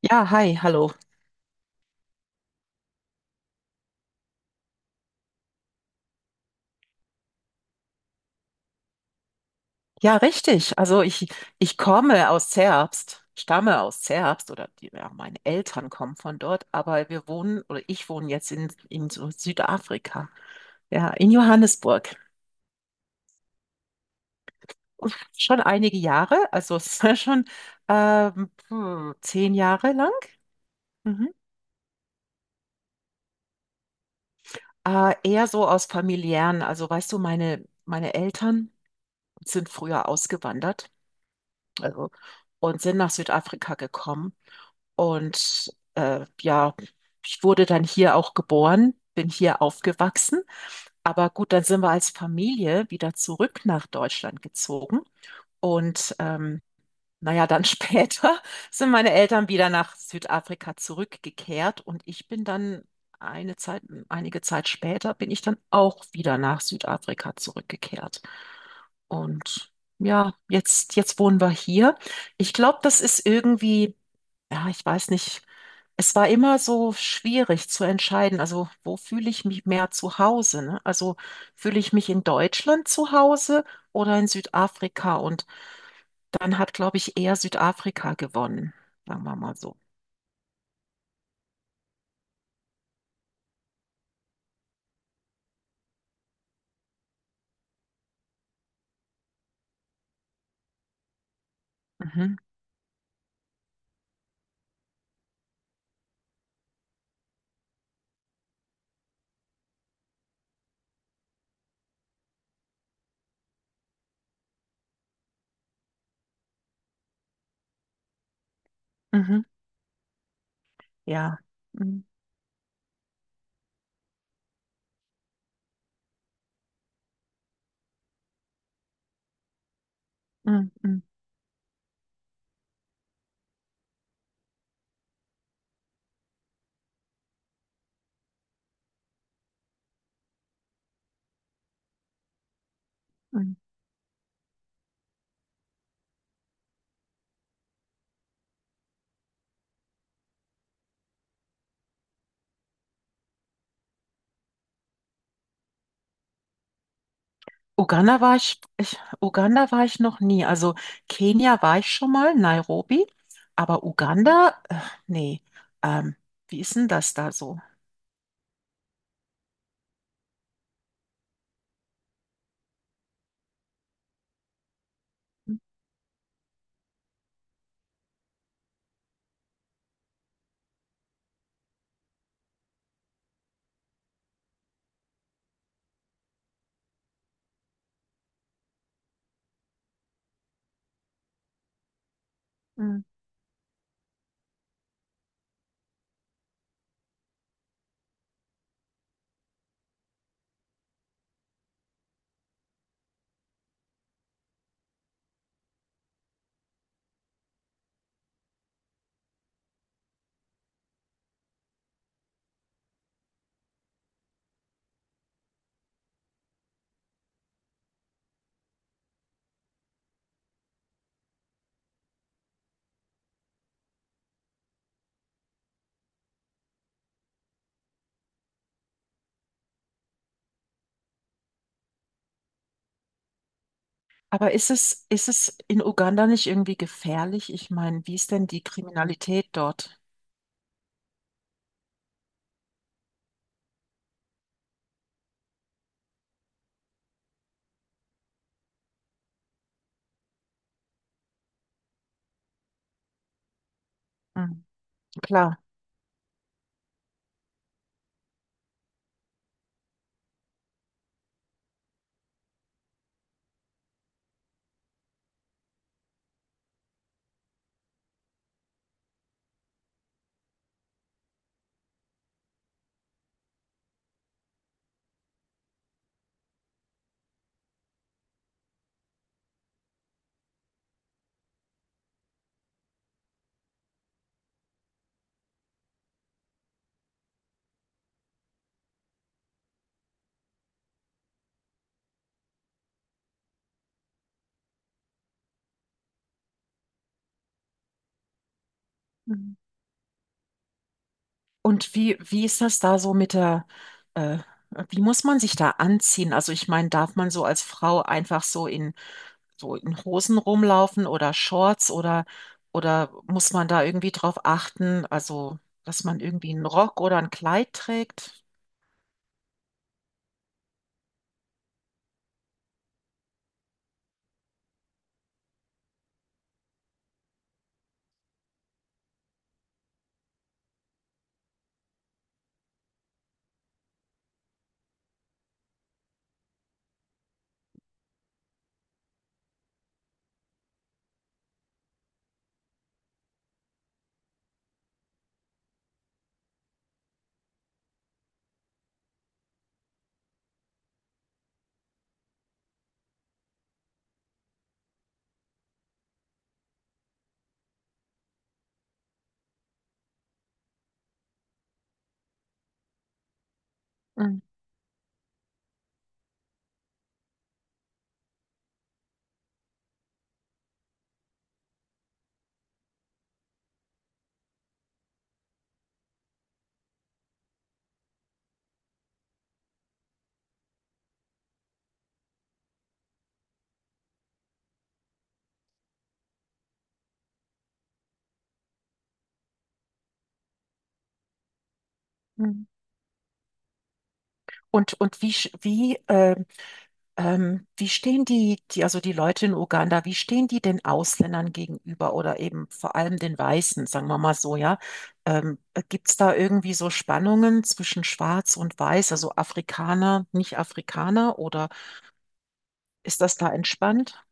Ja, hi, hallo. Ja, richtig. Also ich komme aus Zerbst, stamme aus Zerbst oder die, ja, meine Eltern kommen von dort, aber wir wohnen oder ich wohne jetzt in so Südafrika, ja, in Johannesburg. Und schon einige Jahre, also es ist schon puh, 10 Jahre lang. Mhm. Eher so aus familiären, also weißt du, meine Eltern sind früher ausgewandert, also und sind nach Südafrika gekommen. Und ja, ich wurde dann hier auch geboren, bin hier aufgewachsen. Aber gut, dann sind wir als Familie wieder zurück nach Deutschland gezogen. Und naja, dann später sind meine Eltern wieder nach Südafrika zurückgekehrt und ich bin dann eine Zeit, einige Zeit später bin ich dann auch wieder nach Südafrika zurückgekehrt. Und ja, jetzt wohnen wir hier. Ich glaube, das ist irgendwie, ja, ich weiß nicht, es war immer so schwierig zu entscheiden, also wo fühle ich mich mehr zu Hause, ne? Also fühle ich mich in Deutschland zu Hause oder in Südafrika? Und dann hat, glaube ich, eher Südafrika gewonnen, sagen wir mal so. Mhm, mhm, ja. Mhm, mhm, mhm, mhm. Uganda war ich noch nie. Also Kenia war ich schon mal, Nairobi, aber Uganda, nee. Ähm, Wie ist denn das da so? Mhm. Aber ist es in Uganda nicht irgendwie gefährlich? Ich meine, wie ist denn die Kriminalität dort? Mhm. Klar. Mhm. Und wie ist das da so äh, wie muss man sich da anziehen? Also ich meine, darf man so als Frau einfach so in Hosen rumlaufen oder Shorts oder muss man da irgendwie drauf achten? Also, dass man irgendwie einen Rock oder ein Kleid trägt? Mhm. Und wie stehen also die Leute in Uganda, wie stehen die den Ausländern gegenüber oder eben vor allem den Weißen, sagen wir mal so, ja? Ähm, Gibt es da irgendwie so Spannungen zwischen Schwarz und Weiß, also Afrikaner, Nicht-Afrikaner, oder ist das da entspannt?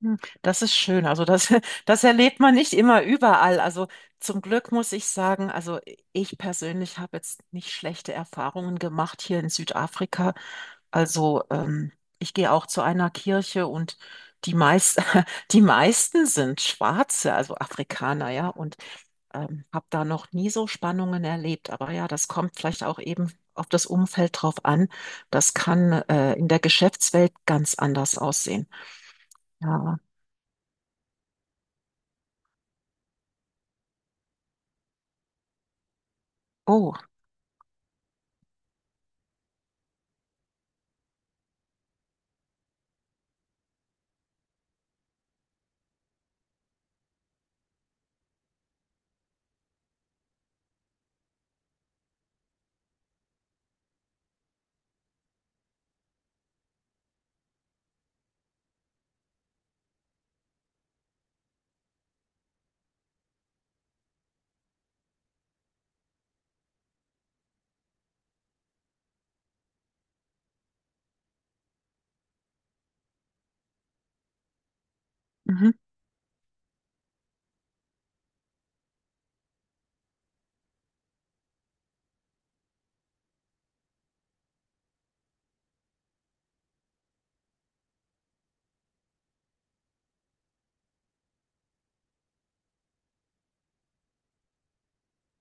Hm, das ist schön. Also das, das erlebt man nicht immer überall. Also zum Glück muss ich sagen, also ich persönlich habe jetzt nicht schlechte Erfahrungen gemacht hier in Südafrika. Also ich gehe auch zu einer Kirche und die meist, die meisten sind Schwarze, also Afrikaner, ja. Und habe da noch nie so Spannungen erlebt. Aber ja, das kommt vielleicht auch eben auf das Umfeld drauf an. Das kann in der Geschäftswelt ganz anders aussehen. Ja. Oh. Mhm.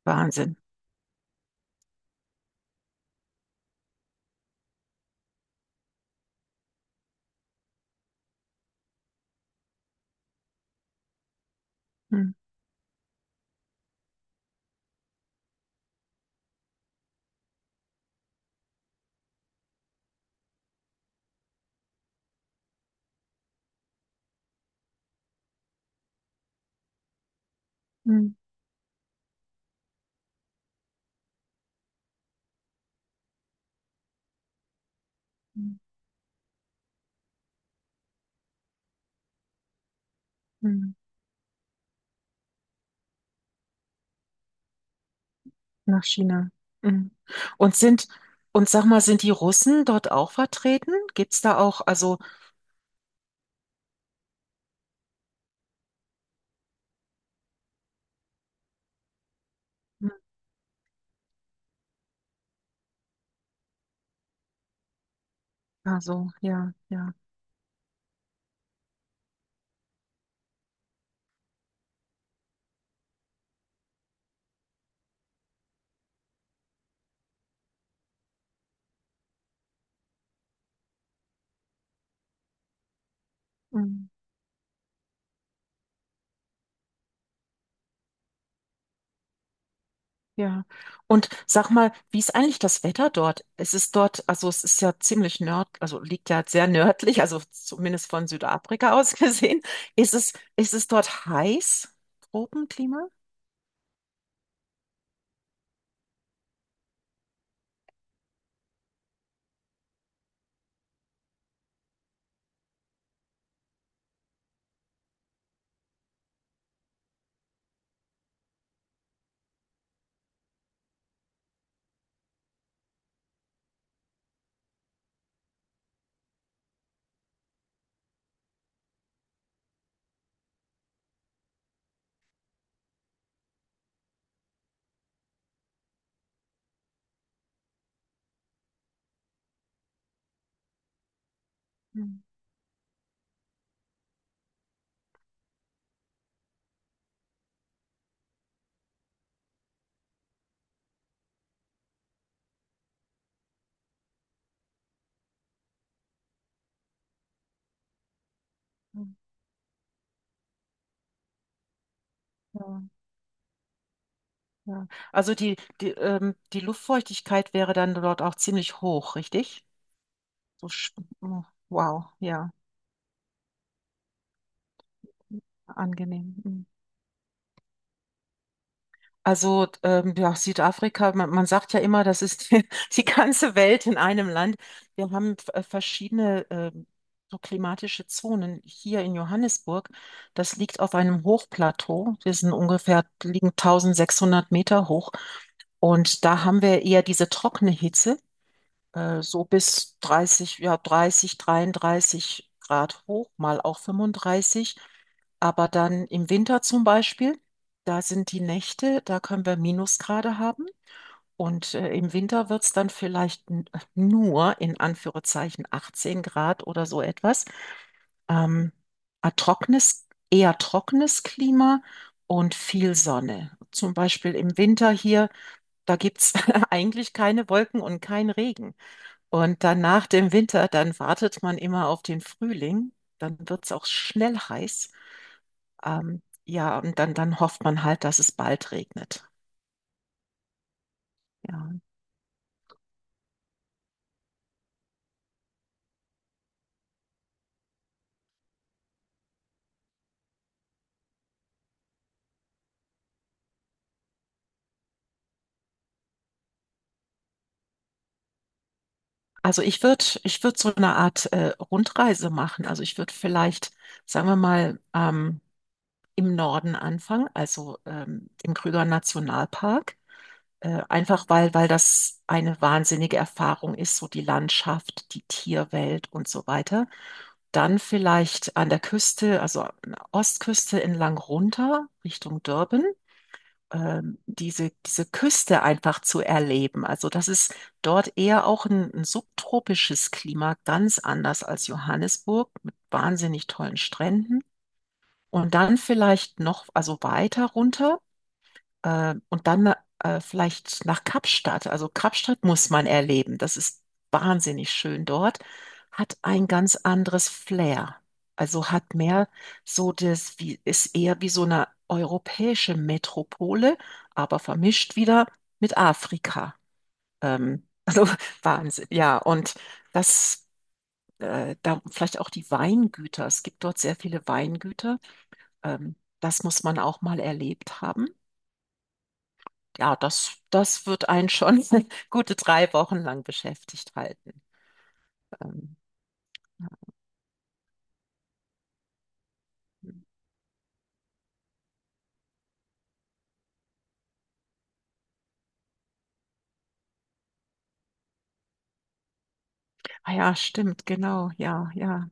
Wahnsinn. Mhm. Mhm. Mhm. Nach China. Mhm. Und sind, und sag mal, sind die Russen dort auch vertreten? Gibt es da auch, also, Mhm. Also, ja, ja, Mhm. Ja. Und sag mal, wie ist eigentlich das Wetter dort? Es ist dort, also es ist ja ziemlich also liegt ja sehr nördlich, also zumindest von Südafrika aus gesehen. Ist es dort heiß? Tropenklima? Mhm. Ja. Ja. Also die Luftfeuchtigkeit wäre dann dort auch ziemlich hoch, richtig? So, oh, wow, ja, angenehm. Mhm. Also ja, Südafrika, man sagt ja immer, das ist die, die ganze Welt in einem Land. Wir haben verschiedene so klimatische Zonen hier in Johannesburg. Das liegt auf einem Hochplateau. Wir sind ungefähr, liegen 1.600 Meter hoch. Und da haben wir eher diese trockene Hitze. So bis 30, ja, 30, 33 Grad hoch, mal auch 35. Aber dann im Winter zum Beispiel, da sind die Nächte, da können wir Minusgrade haben. Und im Winter wird es dann vielleicht nur in Anführungszeichen 18 Grad oder so etwas. Ähm, ein trockenes, eher trockenes Klima und viel Sonne. Zum Beispiel im Winter hier, da gibt es eigentlich keine Wolken und kein Regen. Und dann nach dem Winter, dann wartet man immer auf den Frühling. Dann wird es auch schnell heiß. Ja, und dann hofft man halt, dass es bald regnet. Ja. Also ich würde so eine Art Rundreise machen. Also ich würde vielleicht, sagen wir mal, im Norden anfangen, also im Krüger Nationalpark. Einfach weil das eine wahnsinnige Erfahrung ist, so die Landschaft, die Tierwelt und so weiter. Dann vielleicht an der Küste, also an der Ostküste entlang runter Richtung Durban, diese Küste einfach zu erleben. Also das ist dort eher auch ein subtropisches Klima, ganz anders als Johannesburg mit wahnsinnig tollen Stränden. Und dann vielleicht noch, also weiter runter und dann vielleicht nach Kapstadt. Also Kapstadt muss man erleben. Das ist wahnsinnig schön dort. Hat ein ganz anderes Flair. Also hat mehr so ist eher wie so eine europäische Metropole, aber vermischt wieder mit Afrika. Also Wahnsinn, ja. Und das, da vielleicht auch die Weingüter. Es gibt dort sehr viele Weingüter. Das muss man auch mal erlebt haben. Ja, das, das wird einen schon gute 3 Wochen lang beschäftigt halten. Ähm, ah ja, stimmt, genau, ja, ja.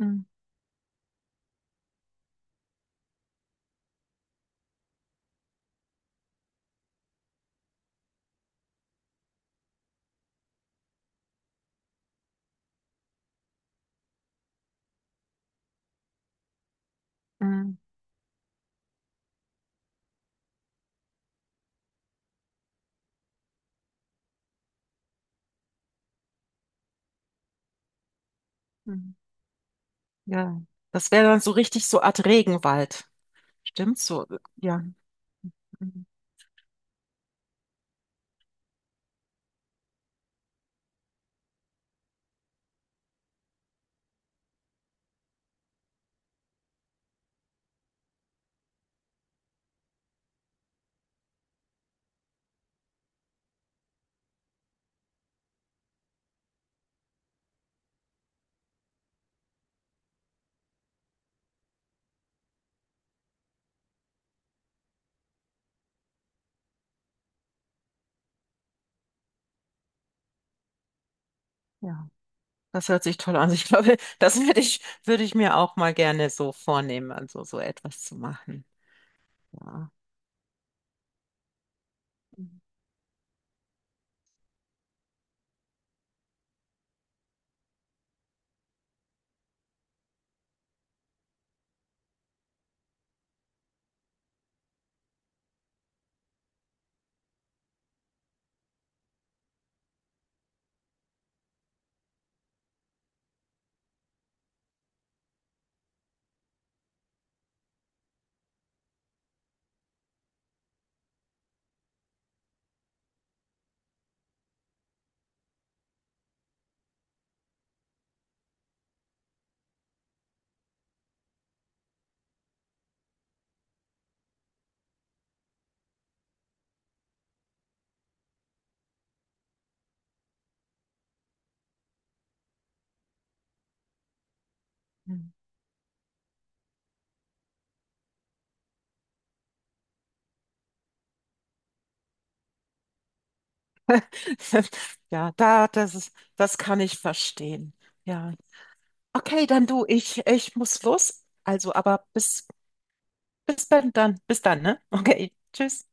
Mm, mm, mm, ja. Das wäre dann so richtig so Art Regenwald. Stimmt so, ja, mm, ja. Das hört sich toll an. Ich glaube, das würde ich mir auch mal gerne so vornehmen, also so etwas zu machen. Ja, ja, das kann ich verstehen. Ja. Okay, ich muss los. Also, aber bis dann, bis dann, ne? Okay, tschüss.